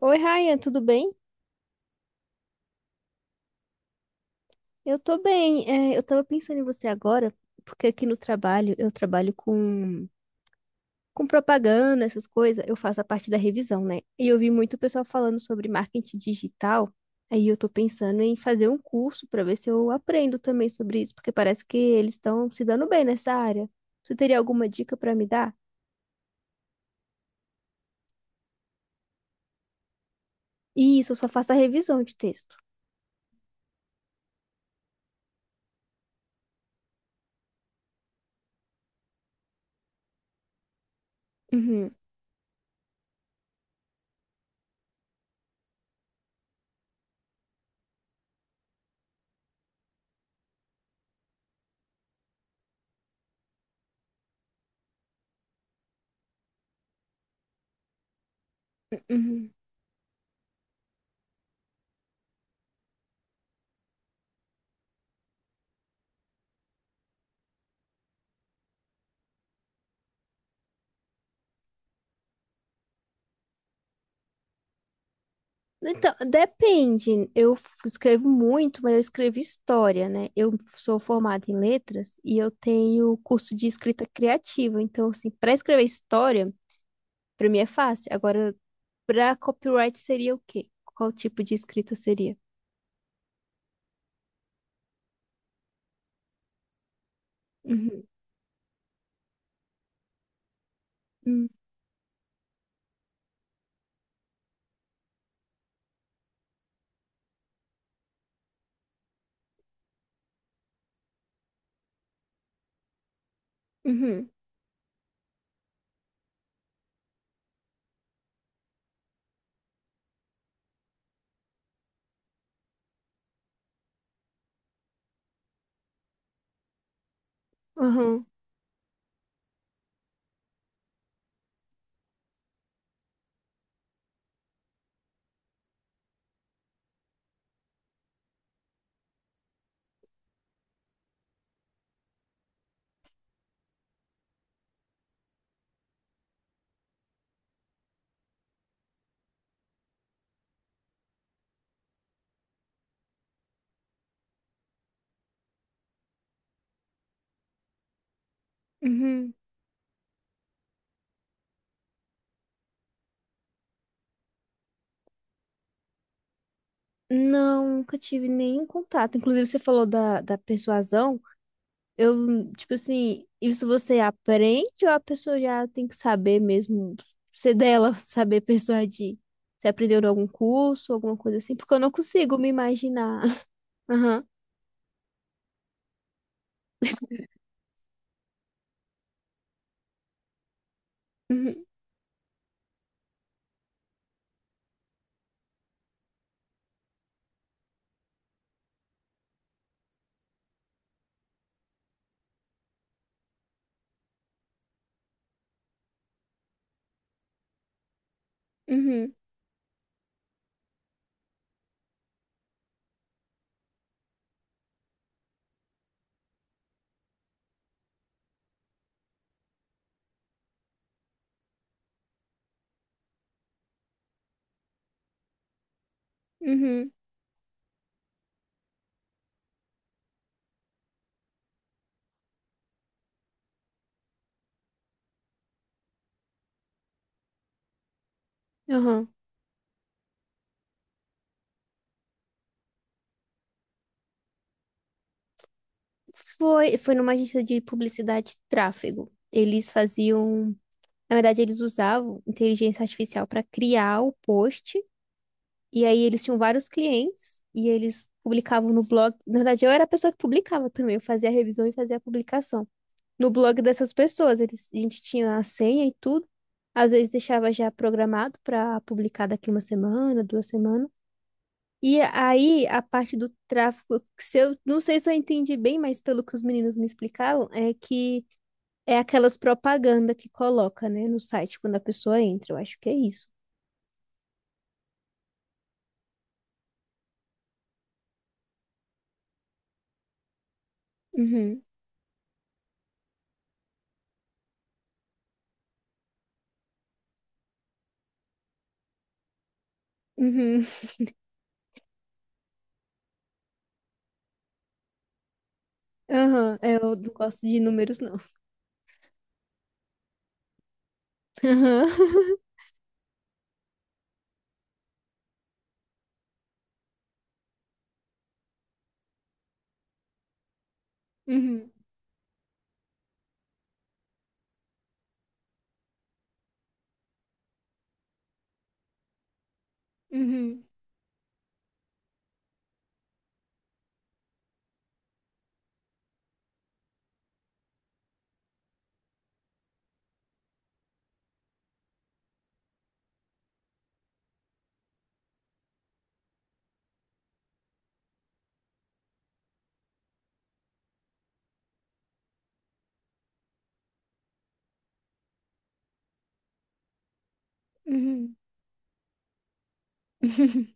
Oi, Ryan, tudo bem? Eu tô bem. Eu tava pensando em você agora, porque aqui no trabalho eu trabalho com propaganda, essas coisas. Eu faço a parte da revisão, né? E eu vi muito pessoal falando sobre marketing digital. Aí eu tô pensando em fazer um curso pra ver se eu aprendo também sobre isso, porque parece que eles estão se dando bem nessa área. Você teria alguma dica pra me dar? Isso, eu só faço a revisão de texto. Uhum, uhum. Então, depende. Escrevo muito, mas eu escrevo história, né? Eu sou formada em letras e eu tenho curso de escrita criativa. Então, assim, para escrever história, para mim é fácil. Agora, para copyright seria o quê? Qual tipo de escrita seria? Uhum, uhum, uhum, uhum, uhum. Não, nunca tive nenhum contato. Inclusive, você falou da persuasão. Eu, tipo assim, isso você aprende ou a pessoa já tem que saber mesmo, ser dela, saber persuadir? Você aprendeu em algum curso, alguma coisa assim? Porque eu não consigo me imaginar. Aham. Uhum. Uhum. Uhum. Aham. Foi numa agência de publicidade e tráfego. Eles faziam, na verdade, eles usavam inteligência artificial para criar o post. E aí eles tinham vários clientes e eles publicavam no blog. Na verdade, eu era a pessoa que publicava também, eu fazia a revisão e fazia a publicação. No blog dessas pessoas, eles, a gente tinha a senha e tudo. Às vezes deixava já programado para publicar daqui uma semana, duas semanas. E aí a parte do tráfego, que se eu não sei se eu entendi bem, mas pelo que os meninos me explicaram, é que é aquelas propaganda que coloca, né, no site quando a pessoa entra. Eu acho que é isso. Uhum. Uhum. Aham, é, eu não gosto de números, não. Aham. Uhum. Uhum. Uhum.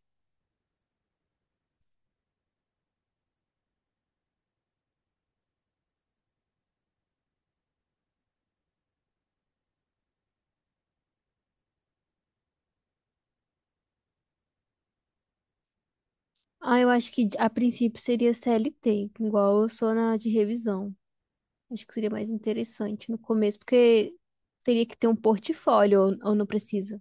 Ah, eu acho que a princípio seria CLT, igual eu sou na de revisão. Acho que seria mais interessante no começo, porque teria que ter um portfólio ou não precisa.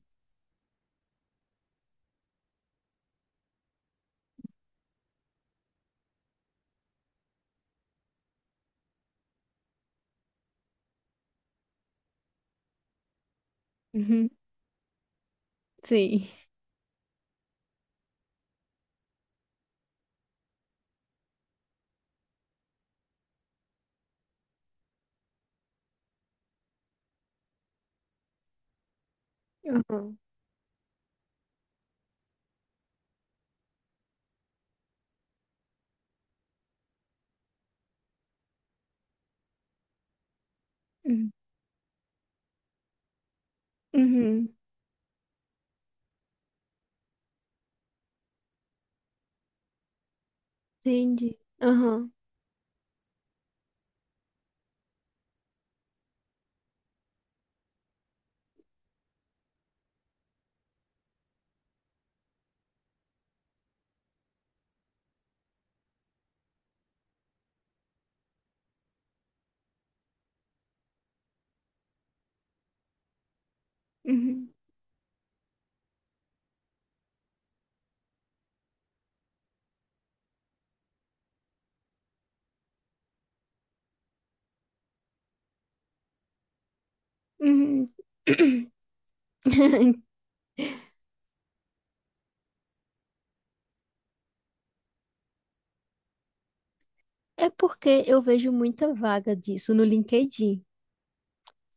Uhum. Sim. Aham. Uhum. Uhum. Entendi. Aham. Uhum. Uhum. É porque eu vejo muita vaga disso no LinkedIn.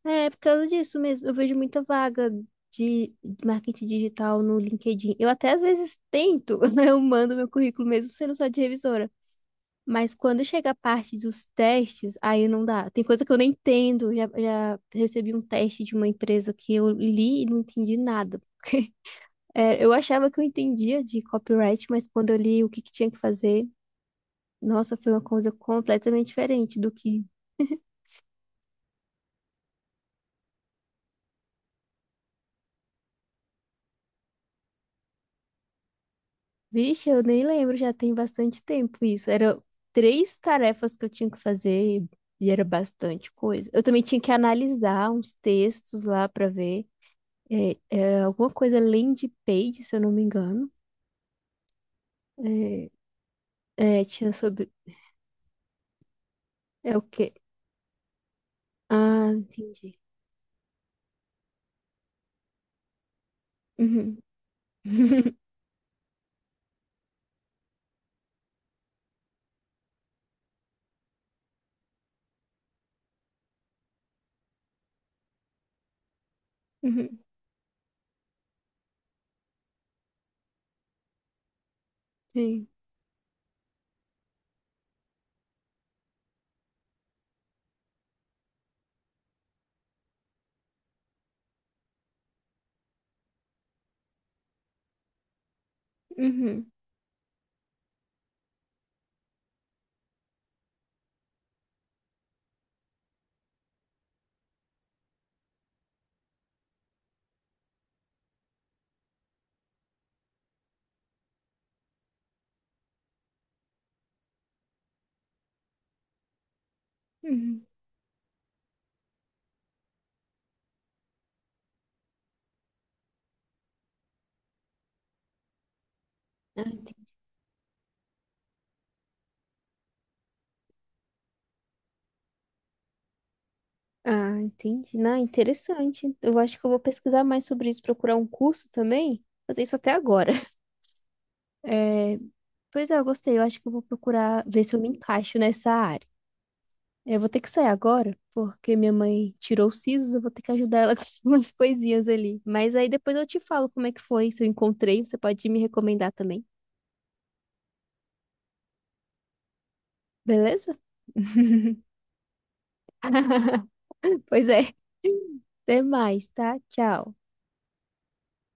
É, por causa disso mesmo. Eu vejo muita vaga de marketing digital no LinkedIn. Eu até às vezes tento, eu mando meu currículo mesmo sendo só de revisora. Mas quando chega a parte dos testes, aí não dá. Tem coisa que eu nem entendo. Já recebi um teste de uma empresa que eu li e não entendi nada. É, eu achava que eu entendia de copyright, mas quando eu li o que que tinha que fazer, nossa, foi uma coisa completamente diferente do que... Vixe, eu nem lembro, já tem bastante tempo isso. Era três tarefas que eu tinha que fazer e era bastante coisa. Eu também tinha que analisar uns textos lá para ver. É, era alguma coisa landing page, se eu não me engano. É, é, tinha sobre. É o quê? Ah, entendi. Uhum. Uhum. Sim. Uhum. Uhum. Ah, entendi. Ah, entendi. Não, interessante. Eu acho que eu vou pesquisar mais sobre isso, procurar um curso também. Fazer isso até agora. É, pois é, eu gostei. Eu acho que eu vou procurar ver se eu me encaixo nessa área. Eu vou ter que sair agora, porque minha mãe tirou os sisos, eu vou ter que ajudar ela com umas coisinhas ali. Mas aí depois eu te falo como é que foi, se eu encontrei, você pode me recomendar também, beleza? Pois é. Até mais, tá? Tchau.